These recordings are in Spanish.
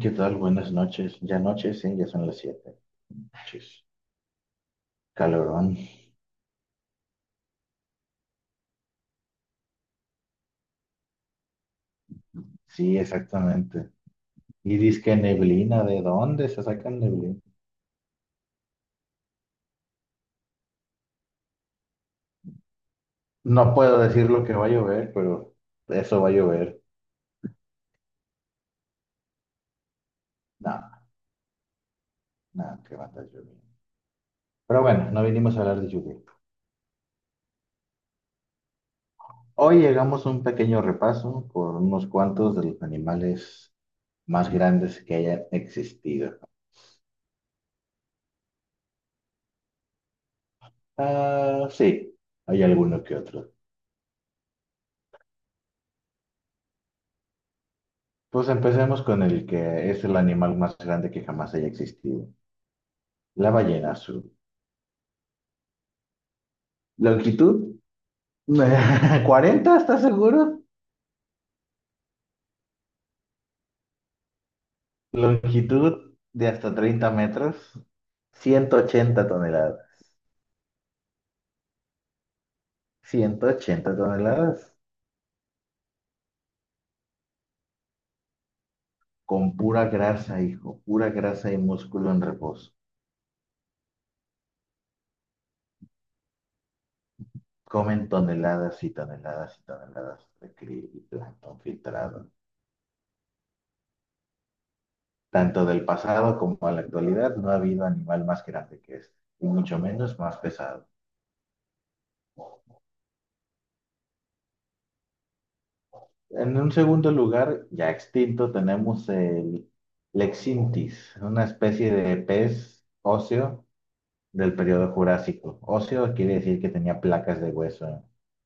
¿Qué tal? Buenas noches. Ya noches, sí, ya son las siete. Chis, calorón. Sí, exactamente. Y dizque neblina, ¿de dónde se sacan neblina? No puedo decir lo que va a llover, pero eso va a llover. No, no, que va a estar lloviendo. Pero bueno, no vinimos a hablar de lluvia. Hoy llegamos a un pequeño repaso por unos cuantos de los animales más grandes que hayan existido. Ah, sí, hay alguno que otro. Pues empecemos con el que es el animal más grande que jamás haya existido, la ballena azul. Longitud, 40, ¿estás seguro? Longitud de hasta 30 metros, 180 toneladas. 180 toneladas con pura grasa, hijo, pura grasa y músculo en reposo. Comen toneladas y toneladas y toneladas de krill y plancton filtrado. Tanto del pasado como a la actualidad, no ha habido animal más grande que este, y mucho menos más pesado. En un segundo lugar, ya extinto, tenemos el Lexintis, una especie de pez óseo del periodo Jurásico. Óseo quiere decir que tenía placas de hueso, ¿eh?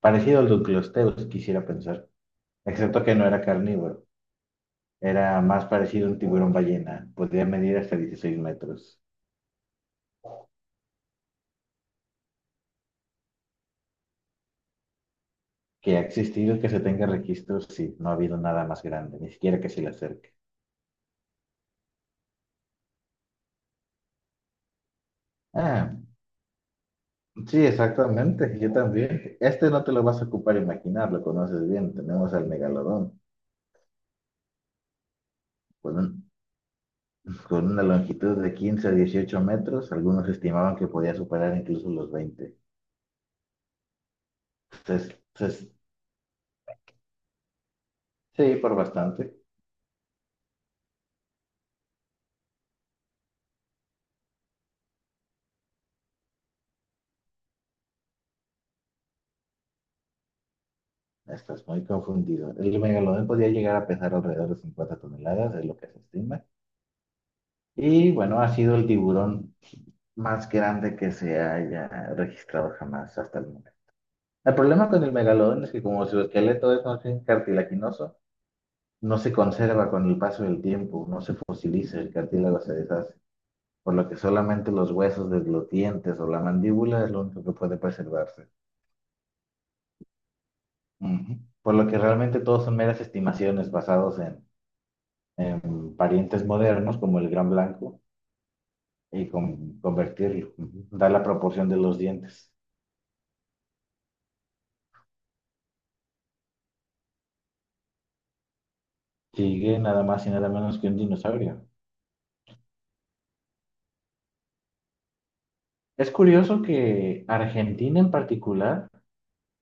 Parecido al Duclosteus, quisiera pensar, excepto que no era carnívoro. Era más parecido a un tiburón ballena, podía medir hasta 16 metros. Que ha existido que se tenga registro, sí, no ha habido nada más grande, ni siquiera que se le acerque. Ah, sí, exactamente, yo también. Este no te lo vas a ocupar imaginar, lo conoces bien. Tenemos al megalodón, con, un- con una longitud de 15 a 18 metros. Algunos estimaban que podía superar incluso los 20. Entonces, sí, por bastante. Estás muy confundido. El megalodón podía llegar a pesar alrededor de 50 toneladas, es lo que se estima. Y bueno, ha sido el tiburón más grande que se haya registrado jamás hasta el momento. El problema con el megalodón es que como su esqueleto es más bien cartilaginoso, no se conserva con el paso del tiempo, no se fosiliza, el cartílago se deshace, por lo que solamente los huesos de los dientes o la mandíbula es lo único que puede preservarse. Ujú. Por lo que realmente todos son meras estimaciones basadas en parientes modernos como el gran blanco y con, convertirlo, dar la proporción de los dientes. Sigue nada más y nada menos que un dinosaurio. Es curioso que Argentina en particular,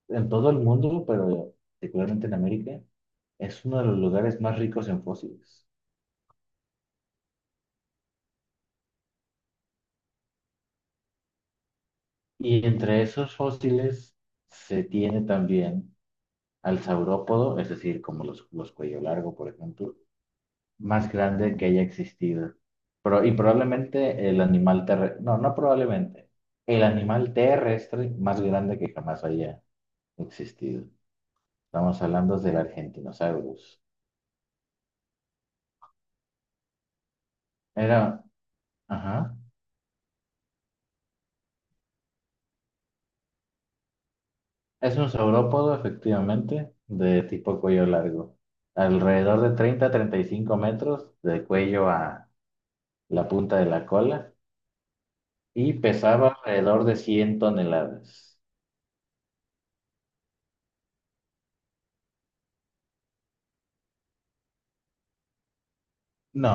en todo el mundo, pero particularmente en América, es uno de los lugares más ricos en fósiles. Y entre esos fósiles se tiene también al saurópodo, es decir, como los cuello largo, por ejemplo, más grande que haya existido. Pero, y probablemente el animal terrestre, no, no probablemente, el animal terrestre más grande que jamás haya existido. Estamos hablando del Argentinosaurus. Era, ajá, es un saurópodo, efectivamente, de tipo cuello largo. Alrededor de 30 a 35 metros de cuello a la punta de la cola y pesaba alrededor de 100 toneladas. No,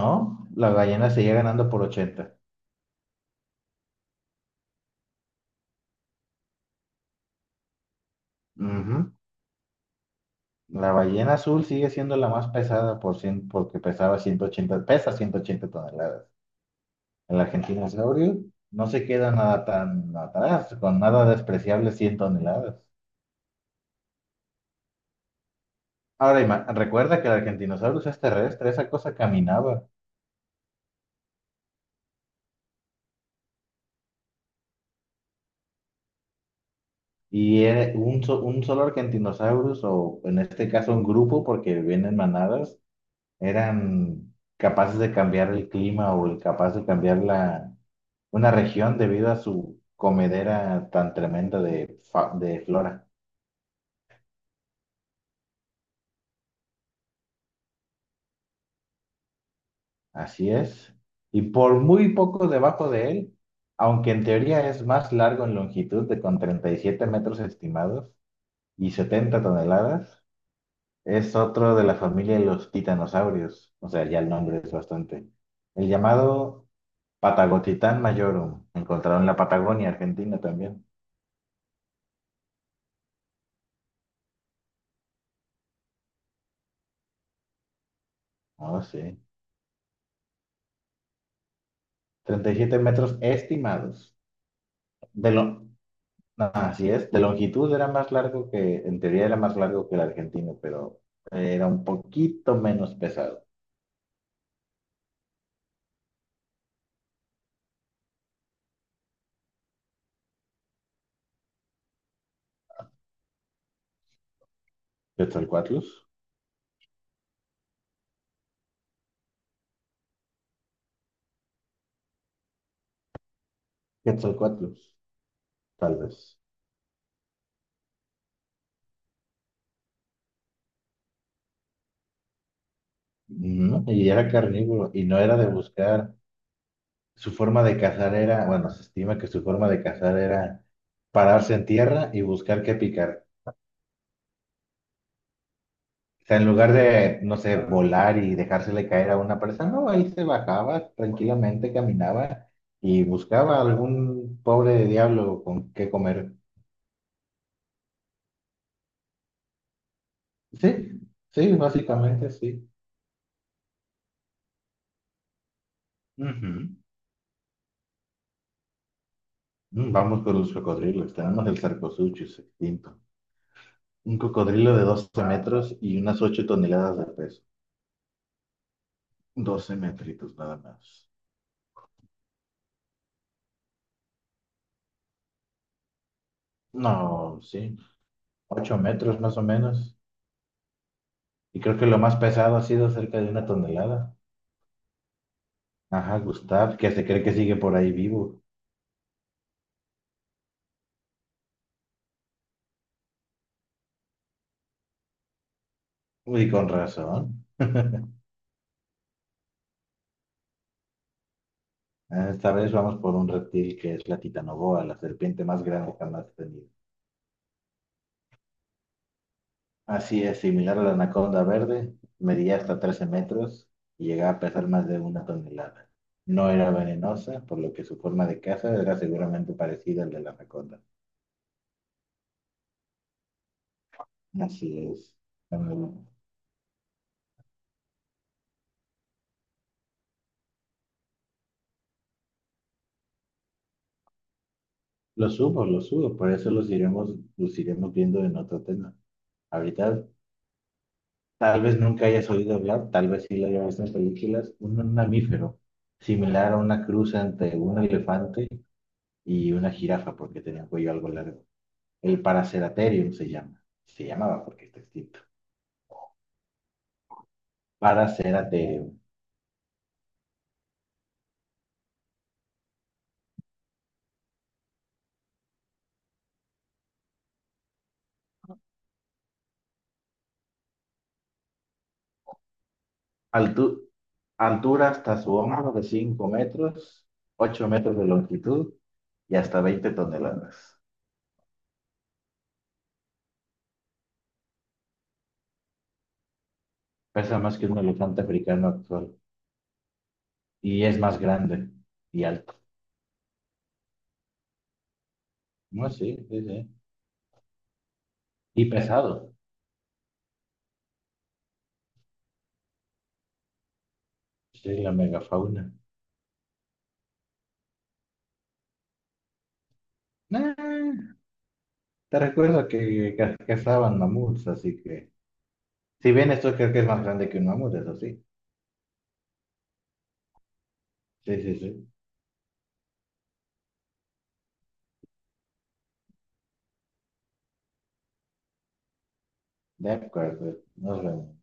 la ballena seguía ganando por 80. Ujú. La ballena azul sigue siendo la más pesada por 100 porque pesa 180 toneladas. El argentinosaurio no se queda nada tan atrás, con nada despreciable 100 toneladas. Ahora, recuerda que el argentinosaurus es terrestre, esa cosa caminaba. Y era un solo argentinosaurus, o en este caso un grupo, porque vienen manadas, eran capaces de cambiar el clima o capaces de cambiar la, una región debido a su comedera tan tremenda de flora. Así es. Y por muy poco debajo de él, aunque en teoría es más largo en longitud de con 37 metros estimados y 70 toneladas, es otro de la familia de los titanosaurios. O sea, ya el nombre es bastante. El llamado Patagotitan majorum, encontrado en la Patagonia, Argentina también. Oh, sí. 37 metros estimados. De lo, Así es, de longitud era más largo que, en teoría era más largo que el argentino, pero era un poquito menos pesado. ¿Quetzalcoatlus? Quetzalcoatlus, tal vez. Ujú. Y era carnívoro, y no era de buscar, su forma de cazar era, bueno, se estima que su forma de cazar era pararse en tierra y buscar qué picar. O sea, en lugar de, no sé, volar y dejársele caer a una presa, no, ahí se bajaba tranquilamente, caminaba y buscaba algún pobre diablo con qué comer. Sí, sí, básicamente sí. Ujú. Vamos por los cocodrilos. Tenemos el Sarcosuchus extinto. Un cocodrilo de 12 metros y unas 8 toneladas de peso. Doce metritos nada más. No, sí, 8 metros más o menos. Y creo que lo más pesado ha sido cerca de una tonelada. Ajá, Gustav, que se cree que sigue por ahí vivo. Uy, con razón. Esta vez vamos por un reptil que es la titanoboa, la serpiente más grande jamás tenido. Así es, similar a la anaconda verde, medía hasta 13 metros y llegaba a pesar más de una tonelada. No era venenosa, por lo que su forma de caza era seguramente parecida al de la anaconda. Así es. Los subo, por eso los iremos viendo en otro tema. Ahorita. Tal vez nunca hayas oído hablar, tal vez sí lo hayas visto en películas, un mamífero similar a una cruz entre un elefante y una jirafa, porque tenía un cuello algo largo. El Paraceratherium se llama, se llamaba porque está extinto. Paraceratherium. Altu- Altura hasta su hombro de 5 metros, 8 metros de longitud y hasta 20 toneladas. Pesa más que un elefante africano actual y es más grande y alto. No, sí, sí, sí. Y pesado. Sí, la megafauna. Nah, te recuerdo que cazaban mamuts, así que. Si bien esto creo que es más grande que un mamut, eso sí. Sí, sí, sí. De acuerdo. Nos vemos.